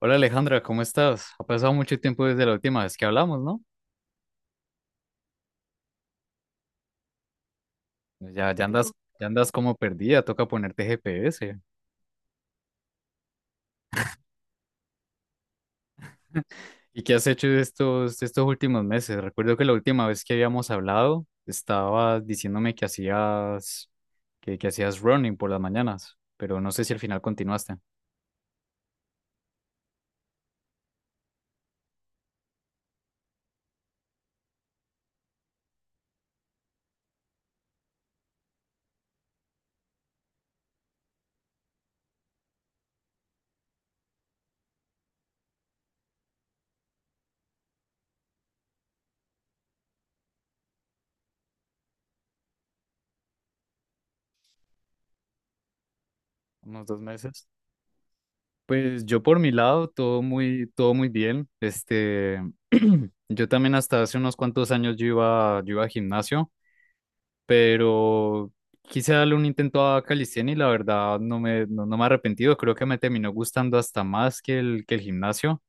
Hola Alejandra, ¿cómo estás? Ha pasado mucho tiempo desde la última vez que hablamos, ¿no? Sí. Ya andas como perdida, toca ponerte GPS. ¿Y qué has hecho de estos últimos meses? Recuerdo que la última vez que habíamos hablado, estabas diciéndome que hacías, que hacías running por las mañanas, pero no sé si al final continuaste. Unos 2 meses. Pues yo por mi lado, todo muy bien. Yo también hasta hace unos cuantos años yo iba al gimnasio. Pero quise darle un intento a calistenia y la verdad no me he arrepentido, creo que me terminó gustando hasta más que el gimnasio,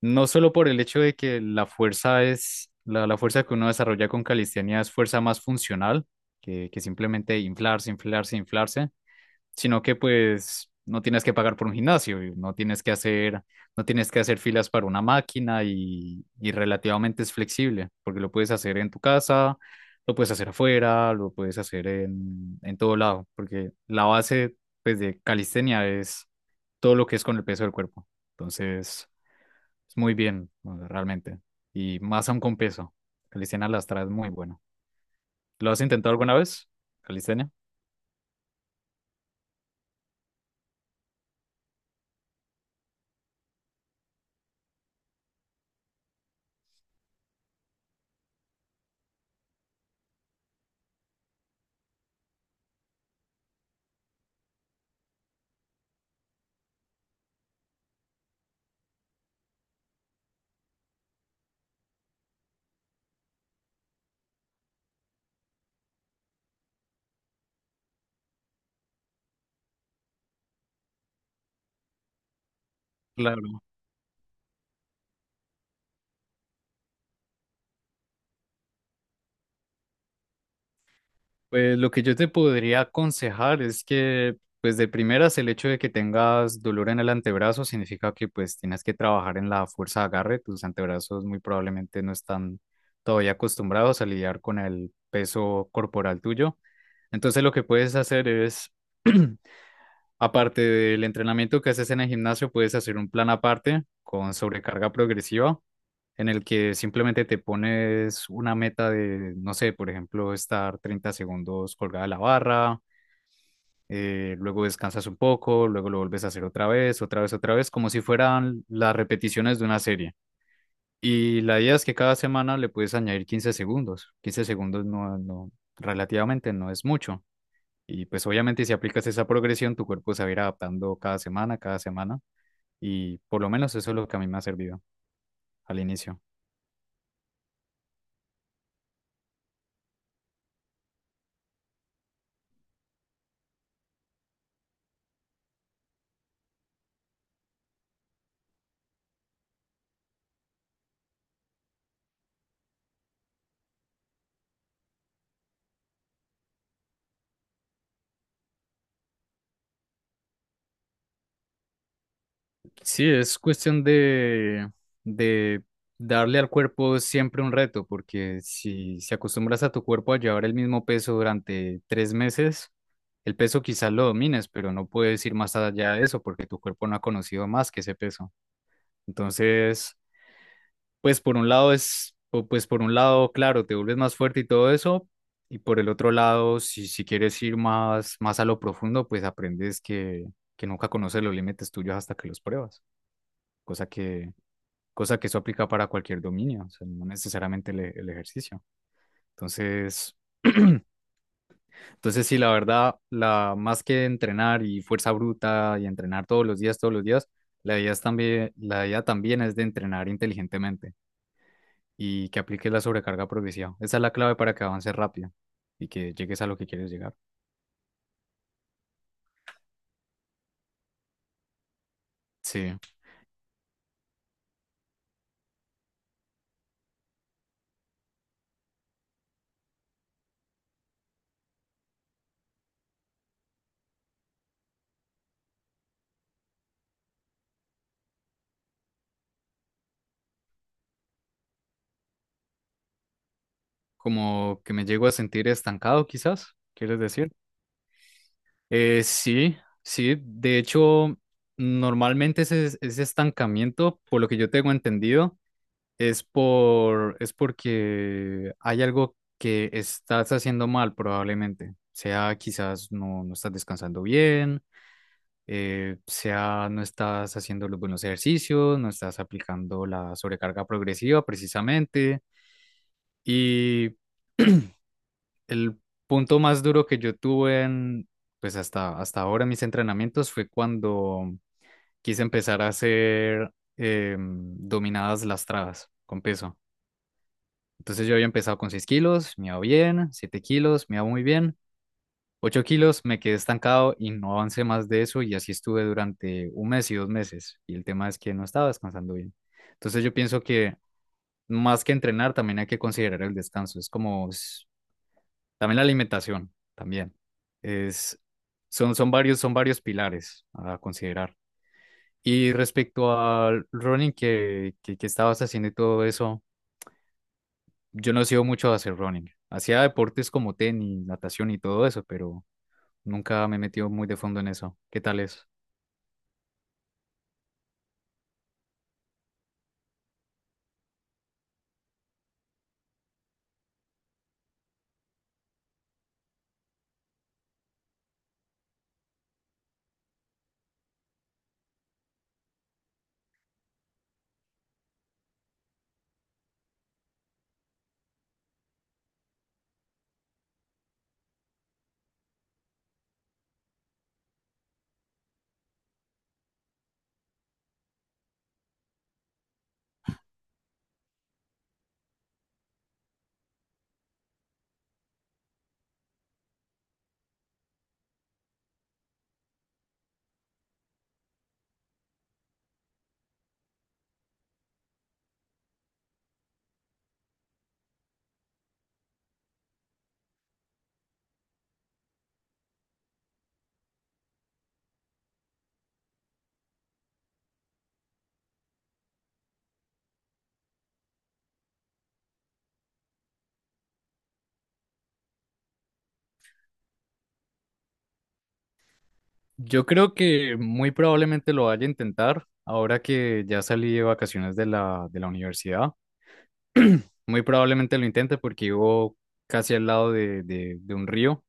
no solo por el hecho de que la fuerza que uno desarrolla con calistenia es fuerza más funcional, que simplemente inflarse, inflarse, inflarse, sino que pues no tienes que pagar por un gimnasio, y no tienes que hacer filas para una máquina y relativamente es flexible, porque lo puedes hacer en tu casa, lo puedes hacer afuera, lo puedes hacer en todo lado, porque la base, pues, de calistenia es todo lo que es con el peso del cuerpo. Entonces, es muy bien, ¿no?, realmente. Y más aún con peso. Calistenia lastra es muy bueno. ¿Lo has intentado alguna vez? Calistenia. Claro. Pues lo que yo te podría aconsejar es que, pues de primeras, el hecho de que tengas dolor en el antebrazo significa que pues tienes que trabajar en la fuerza de agarre. Tus antebrazos muy probablemente no están todavía acostumbrados a lidiar con el peso corporal tuyo. Entonces lo que puedes hacer es, aparte del entrenamiento que haces en el gimnasio, puedes hacer un plan aparte con sobrecarga progresiva en el que simplemente te pones una meta de, no sé, por ejemplo, estar 30 segundos colgada de la barra, luego descansas un poco, luego lo vuelves a hacer otra vez, otra vez, otra vez, como si fueran las repeticiones de una serie. Y la idea es que cada semana le puedes añadir 15 segundos. 15 segundos no, no, relativamente no es mucho. Y pues obviamente si aplicas esa progresión, tu cuerpo se va a ir adaptando cada semana, cada semana. Y por lo menos eso es lo que a mí me ha servido al inicio. Sí, es cuestión de darle al cuerpo siempre un reto, porque si acostumbras a tu cuerpo a llevar el mismo peso durante 3 meses, el peso quizás lo domines, pero no puedes ir más allá de eso, porque tu cuerpo no ha conocido más que ese peso. Entonces, pues por un lado, claro, te vuelves más fuerte y todo eso, y por el otro lado, si quieres ir más, más a lo profundo, pues aprendes que nunca conoces los límites tuyos hasta que los pruebas, cosa que cosa que eso aplica para cualquier dominio, o sea, no necesariamente el ejercicio. Entonces, entonces sí, la verdad, más que entrenar y fuerza bruta y entrenar todos los días, la idea también es de entrenar inteligentemente y que apliques la sobrecarga progresiva. Esa es la clave para que avances rápido y que llegues a lo que quieres llegar. Sí, como que me llego a sentir estancado, quizás, ¿quieres decir? Sí, sí, de hecho, normalmente ese estancamiento, por lo que yo tengo entendido, es porque hay algo que estás haciendo mal probablemente. Sea quizás no estás descansando bien, sea no estás haciendo los buenos ejercicios, no estás aplicando la sobrecarga progresiva precisamente. Y el punto más duro que yo tuve pues hasta ahora en mis entrenamientos fue cuando quise empezar a hacer dominadas lastradas con peso. Entonces yo había empezado con 6 kg, me iba bien, 7 kg, me iba muy bien, 8 kg, me quedé estancado y no avancé más de eso, y así estuve durante un mes y 2 meses. Y el tema es que no estaba descansando bien. Entonces yo pienso que más que entrenar, también hay que considerar el descanso. También la alimentación, también. Es, son, son varios pilares a considerar. Y respecto al running que estabas haciendo y todo eso, yo no he sido mucho a hacer running. Hacía deportes como tenis, natación y todo eso, pero nunca me he metido muy de fondo en eso. ¿Qué tal es? Yo creo que muy probablemente lo vaya a intentar ahora que ya salí de vacaciones de la universidad. Muy probablemente lo intente porque vivo casi al lado de un río.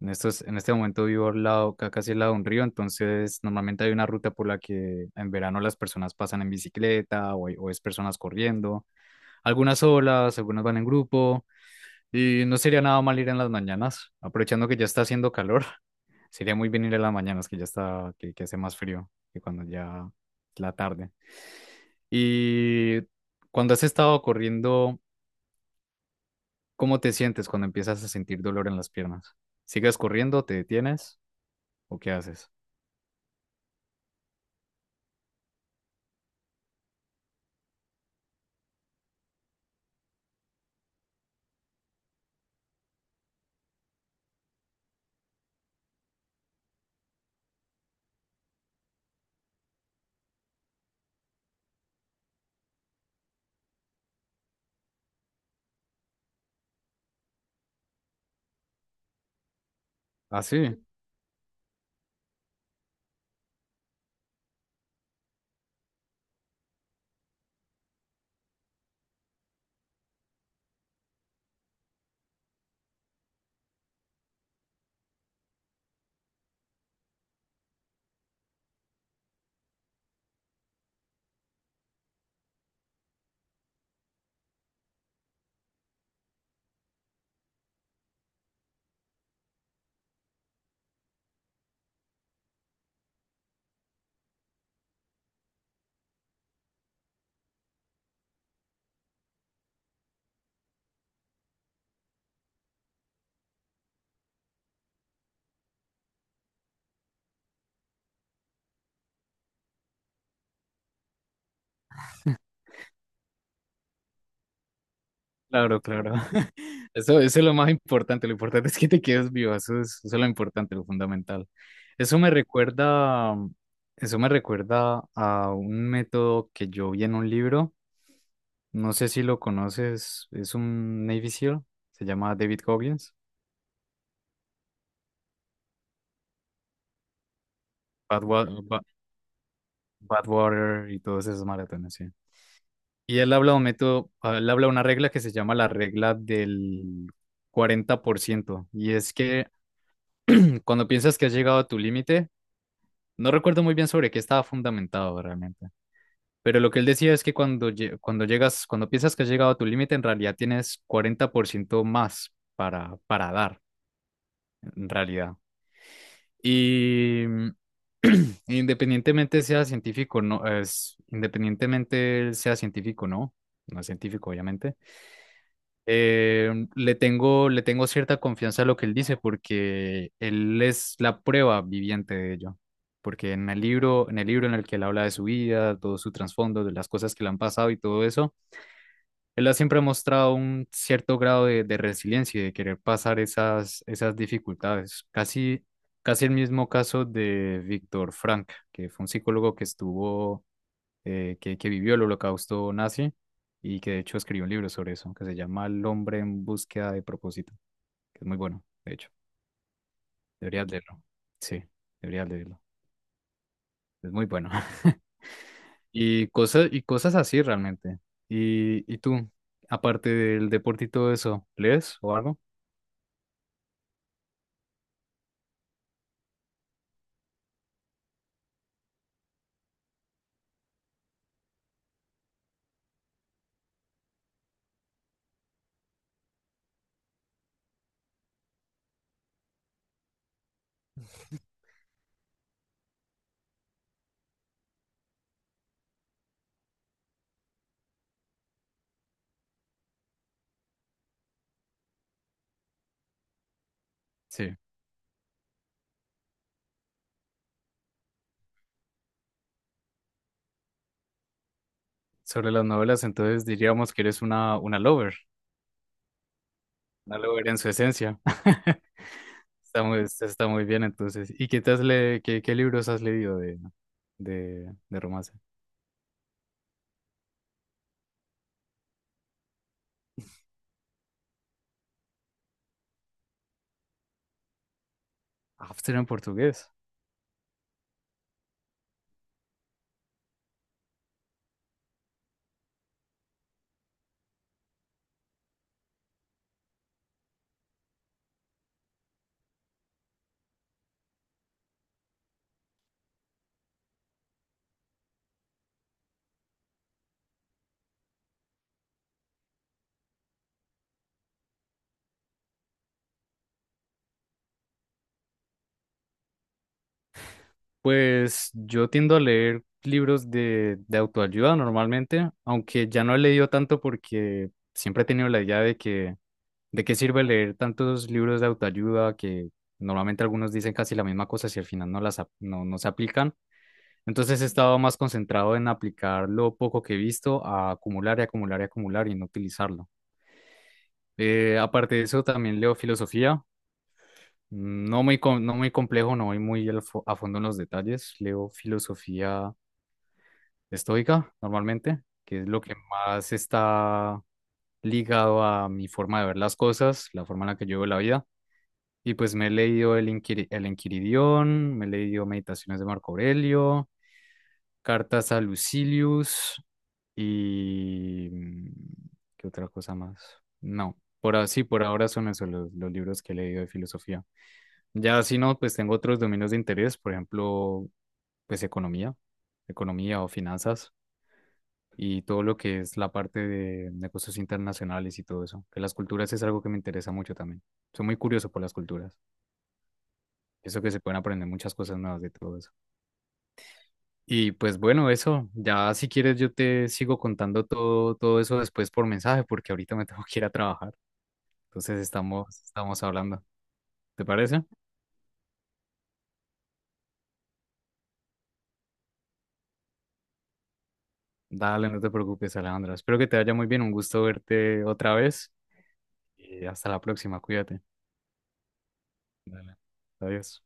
En este momento vivo casi al lado de un río, entonces normalmente hay una ruta por la que en verano las personas pasan en bicicleta o es personas corriendo, algunas solas, algunas van en grupo, y no sería nada mal ir en las mañanas, aprovechando que ya está haciendo calor. Sería muy bien ir en las mañanas, que ya está, que hace más frío que cuando ya es la tarde. Y cuando has estado corriendo, ¿cómo te sientes cuando empiezas a sentir dolor en las piernas? ¿Sigues corriendo, te detienes o qué haces? Así. Claro, claro. Eso es lo más importante. Lo importante es que te quedes vivo. Eso es lo importante, lo fundamental. Eso me recuerda, eso me recuerda a un método que yo vi en un libro. No sé si lo conoces. Es un Navy SEAL. Se llama David Goggins. Badwater, Water y todos esos maratones, sí. Y él habla de una regla que se llama la regla del 40%. Y es que cuando piensas que has llegado a tu límite. No recuerdo muy bien sobre qué estaba fundamentado realmente, pero lo que él decía es que cuando piensas que has llegado a tu límite, en realidad tienes 40% más para dar, en realidad. Y independientemente sea científico, no es, independientemente él sea científico, no es científico, obviamente. Le tengo cierta confianza a lo que él dice, porque él es la prueba viviente de ello. Porque en el libro en el que él habla de su vida, todo su trasfondo, de las cosas que le han pasado y todo eso, él ha siempre mostrado un cierto grado de resiliencia y de querer pasar esas dificultades. Casi, casi el mismo caso de Víctor Frank, que fue un psicólogo que que vivió el holocausto nazi y que de hecho escribió un libro sobre eso, que se llama El Hombre en Búsqueda de Propósito, que es muy bueno, de hecho. Deberías leerlo. Sí, deberías leerlo. Es muy bueno. Y cosas así realmente. ¿Y tú, aparte del deporte y todo eso, lees o algo? Sí. Sobre las novelas, entonces diríamos que eres una, lover, una lover en su esencia. está muy bien entonces. ¿Y qué te has le, qué, qué libros has leído de romance? After en portugués. Pues yo tiendo a leer libros de autoayuda normalmente, aunque ya no he leído tanto porque siempre he tenido la idea de que de qué sirve leer tantos libros de autoayuda que normalmente algunos dicen casi la misma cosa si al final no las ap- no, no se aplican. Entonces he estado más concentrado en aplicar lo poco que he visto a acumular y acumular y acumular y no utilizarlo. Aparte de eso, también leo filosofía. No muy complejo, no voy muy a fondo en los detalles. Leo filosofía estoica normalmente, que es lo que más está ligado a mi forma de ver las cosas, la forma en la que yo veo la vida. Y pues me he leído el Enquiridión, me he leído Meditaciones de Marco Aurelio, Cartas a Lucilius y... mm, ¿qué otra cosa más? No, por ahora son esos los libros que he leído de filosofía. Ya si no, pues tengo otros dominios de interés, por ejemplo, pues economía o finanzas y todo lo que es la parte de negocios internacionales y todo eso, que las culturas es algo que me interesa mucho también. Soy muy curioso por las culturas, eso que se pueden aprender muchas cosas nuevas de todo eso. Y pues bueno, eso, ya si quieres yo te sigo contando todo, eso después por mensaje, porque ahorita me tengo que ir a trabajar, entonces estamos hablando, ¿te parece? Dale, no te preocupes, Alejandra. Espero que te vaya muy bien. Un gusto verte otra vez. Y hasta la próxima, cuídate. Dale. Adiós.